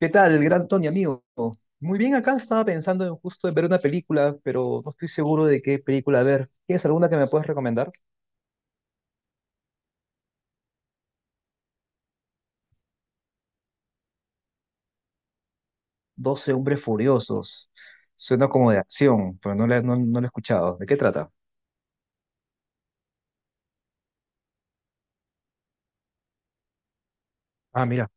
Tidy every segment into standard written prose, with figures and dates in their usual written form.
¿Qué tal, el gran Tony, amigo? Muy bien, acá estaba pensando en justo en ver una película, pero no estoy seguro de qué película ver. ¿Tienes alguna que me puedas recomendar? 12 hombres furiosos. Suena como de acción, pero no la he escuchado. ¿De qué trata? Ah, mira.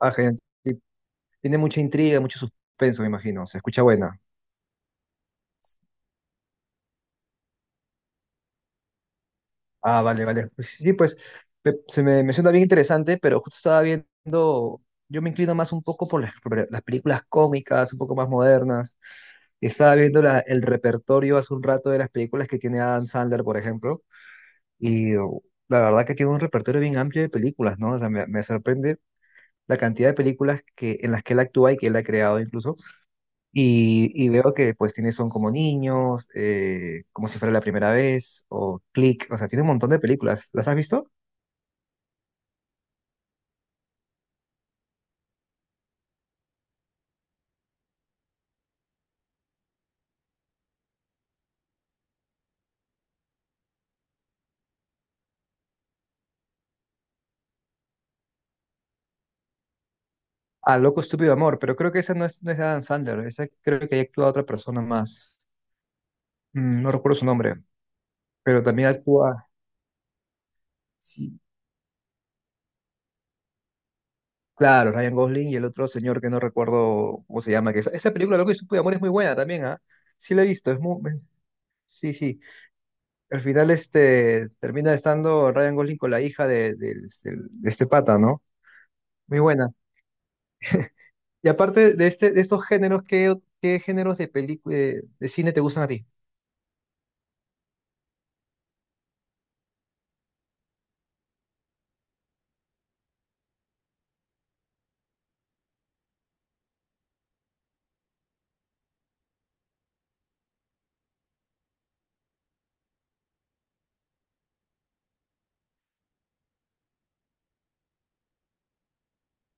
Ah, genial. Sí, tiene mucha intriga, mucho suspenso, me imagino. Se escucha buena. Ah, vale, vale. Pues sí, sí, pues me- se me, me suena bien interesante, pero justo estaba viendo, yo me inclino más un poco por las películas cómicas, un poco más modernas. Estaba viendo el repertorio hace un rato de las películas que tiene Adam Sandler, por ejemplo, y la verdad que tiene un repertorio bien amplio de películas, ¿no? O sea, me sorprende la cantidad de películas que, en las que él actúa y que él ha creado incluso, y veo que pues tiene Son como niños, como si fuera la primera vez, o Click, o sea, tiene un montón de películas. ¿Las has visto? Ah, Loco Estúpido Amor, pero creo que esa no es de Adam Sandler, esa creo que ahí actúa otra persona más. No recuerdo su nombre, pero también actúa, sí, claro, Ryan Gosling y el otro señor que no recuerdo cómo se llama, que esa película Loco Estúpido Amor es muy buena también, ¿ah? Sí la he visto, es muy, sí, sí. Al final este termina estando Ryan Gosling con la hija de este pata, ¿no? Muy buena. Y aparte de de estos géneros, ¿qué géneros de película de cine te gustan a ti?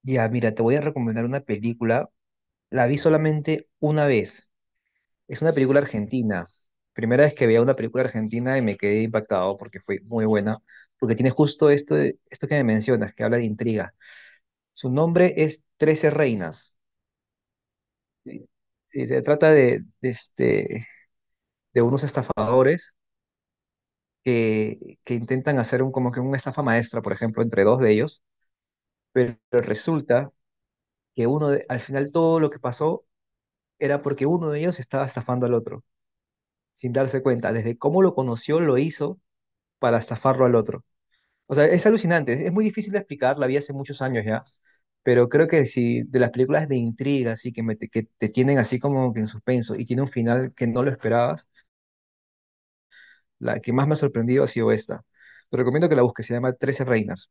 Ya, mira, te voy a recomendar una película. La vi solamente una vez. Es una película argentina. Primera vez que veía una película argentina y me quedé impactado porque fue muy buena, porque tiene justo esto que me mencionas, que habla de intriga. Su nombre es Trece Reinas. Y- y se trata de unos estafadores que intentan hacer como que una estafa maestra, por ejemplo, entre dos de ellos, pero resulta que al final todo lo que pasó era porque uno de ellos estaba estafando al otro. Sin darse cuenta. Desde cómo lo conoció, lo hizo para zafarlo al otro. O sea, es alucinante, es muy difícil de explicar, la vi hace muchos años ya, pero creo que si de las películas de intriga, así que, que te tienen así como que en suspenso y tiene un final que no lo esperabas, la que más me ha sorprendido ha sido esta. Te recomiendo que la busques, se llama Trece Reinas.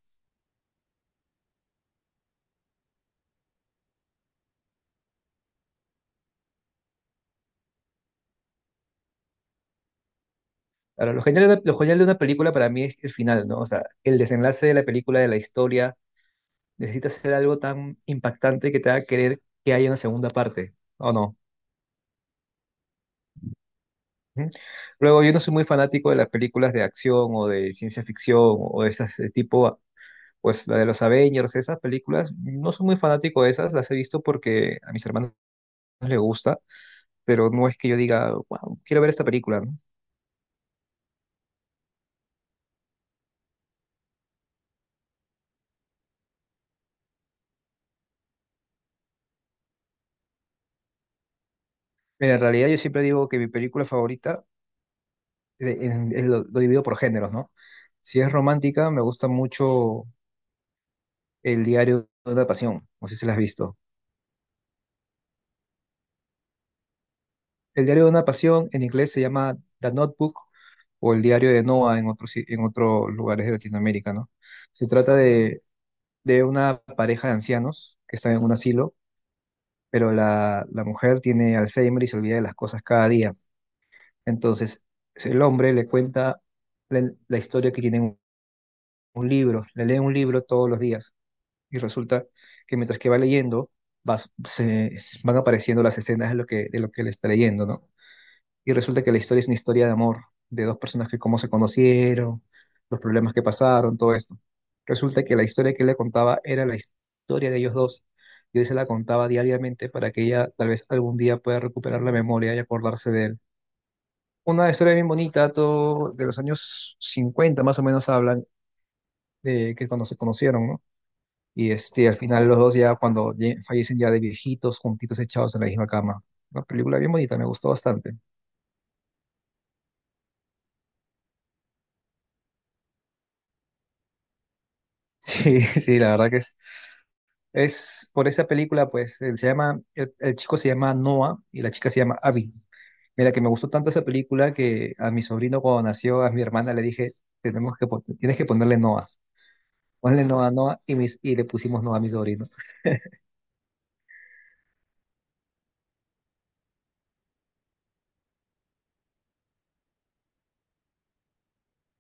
Ahora, lo genial de una película para mí es el final, ¿no? O sea, el desenlace de la película, de la historia, necesita ser algo tan impactante que te haga querer que haya una segunda parte, ¿o no? Ujú. Luego, yo no soy muy fanático de las películas de acción o de ciencia ficción o de esas de tipo, pues la de los Avengers, esas películas, no soy muy fanático de esas, las he visto porque a mis hermanos les gusta, pero no es que yo diga, wow, quiero ver esta película, ¿no? Mira, en realidad yo siempre digo que mi película favorita, lo divido por géneros, ¿no? Si es romántica, me gusta mucho El diario de una pasión, no sé si la has visto. El diario de una pasión en inglés se llama The Notebook o el diario de Noah en otros, en otros lugares de Latinoamérica, ¿no? Se trata de una pareja de ancianos que están en un asilo, pero la mujer tiene Alzheimer y se olvida de las cosas cada día. Entonces, el hombre le cuenta la historia que tiene en un libro, le lee un libro todos los días y resulta que mientras que va leyendo, va- se, van apareciendo las escenas de lo que le está leyendo, ¿no? Y resulta que la historia es una historia de amor, de dos personas que cómo se conocieron, los problemas que pasaron, todo esto. Resulta que la historia que él le contaba era la historia de ellos dos. Y él se la contaba diariamente para que ella tal vez algún día pueda recuperar la memoria y acordarse de él. Una historia bien bonita, todo de los años 50 más o menos hablan de que cuando se conocieron, ¿no? Y al final los dos ya cuando fallecen ya de viejitos, juntitos echados en la misma cama. Una película bien bonita, me gustó bastante. Sí, sí, la verdad que es por esa película, pues, él se llama, el chico se llama Noah y la chica se llama Abby. Mira, que me gustó tanto esa película que a mi sobrino cuando nació, a mi hermana le dije, tenemos tienes que ponerle Noah. Ponle Noah, Noah y le pusimos Noah a mi sobrino.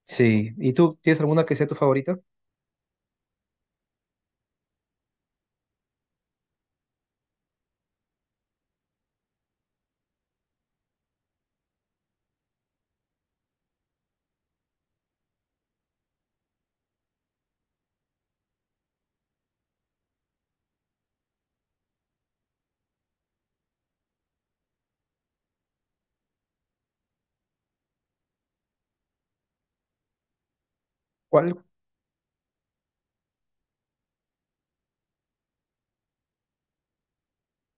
Sí, ¿y tú tienes alguna que sea tu favorita? ¿Cuál?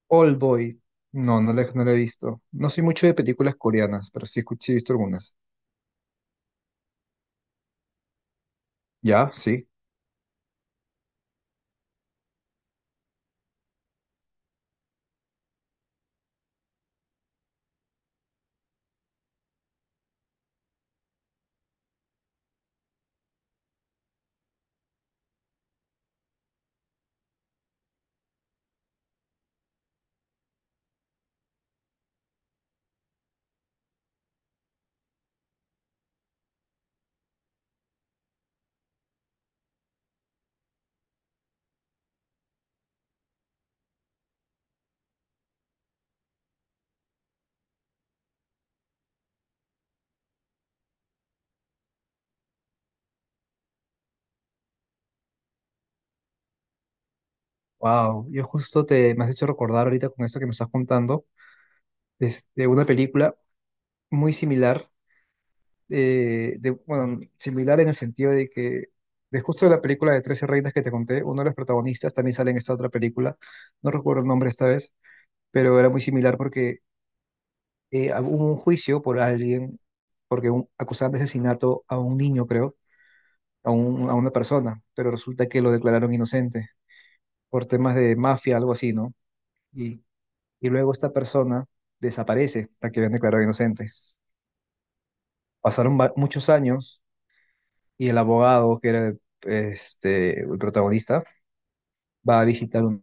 Old Boy. No, no la he visto. No soy mucho de películas coreanas, pero sí, sí he visto algunas. ¿Ya? Sí. Wow, yo justo te me has hecho recordar ahorita con esto que me estás contando, una película muy similar bueno, similar en el sentido de que de justo la película de 13 reinas que te conté, uno de los protagonistas también sale en esta otra película, no recuerdo el nombre esta vez, pero era muy similar porque hubo un juicio por alguien, porque acusaban de asesinato a un niño, creo, a una persona, pero resulta que lo declararon inocente por temas de mafia, algo así, ¿no? Y, y luego esta persona desaparece, la que habían declarado inocente. Pasaron muchos años y el abogado, que era el protagonista,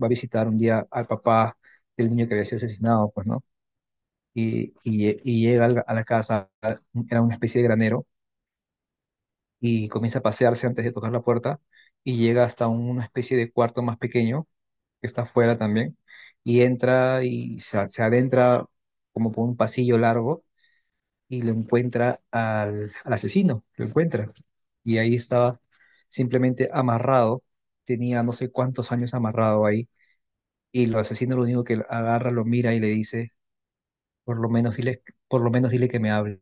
va a visitar un día al papá del niño que había sido asesinado, pues, ¿no? Y llega a la casa, era una especie de granero, y comienza a pasearse antes de tocar la puerta, y llega hasta una especie de cuarto más pequeño, que está afuera también, y entra y se adentra como por un pasillo largo y lo encuentra al asesino, lo encuentra. Y ahí estaba simplemente amarrado, tenía no sé cuántos años amarrado ahí, y el asesino lo único que agarra, lo mira y le dice, por lo menos dile, por lo menos dile que me hable,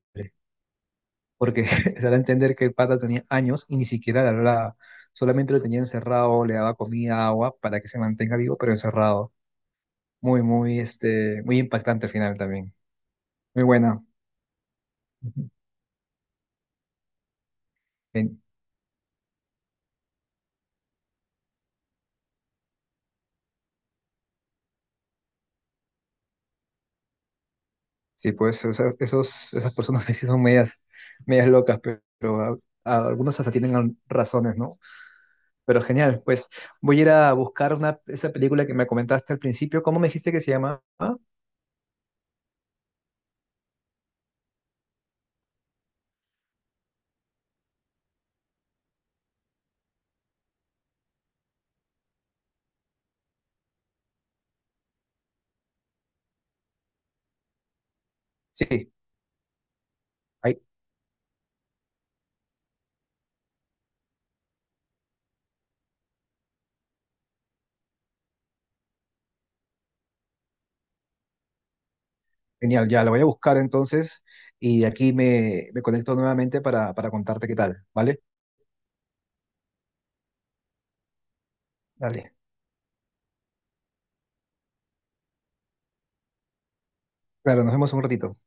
porque se da a entender que el pata tenía años y ni siquiera le hablaba, solamente lo tenía encerrado, le daba comida, agua, para que se mantenga vivo, pero encerrado. Muy, muy, muy impactante al final también. Muy buena. Ujú. Sí, pues esas personas que sí son medias, medias locas, pero, algunos hasta tienen razones, ¿no? Pero genial, pues voy a ir a buscar esa película que me comentaste al principio. ¿Cómo me dijiste que se llama? Sí, ahí, genial, ya la voy a buscar entonces y aquí me conecto nuevamente para contarte qué tal, ¿vale? Dale, claro, nos vemos en un ratito.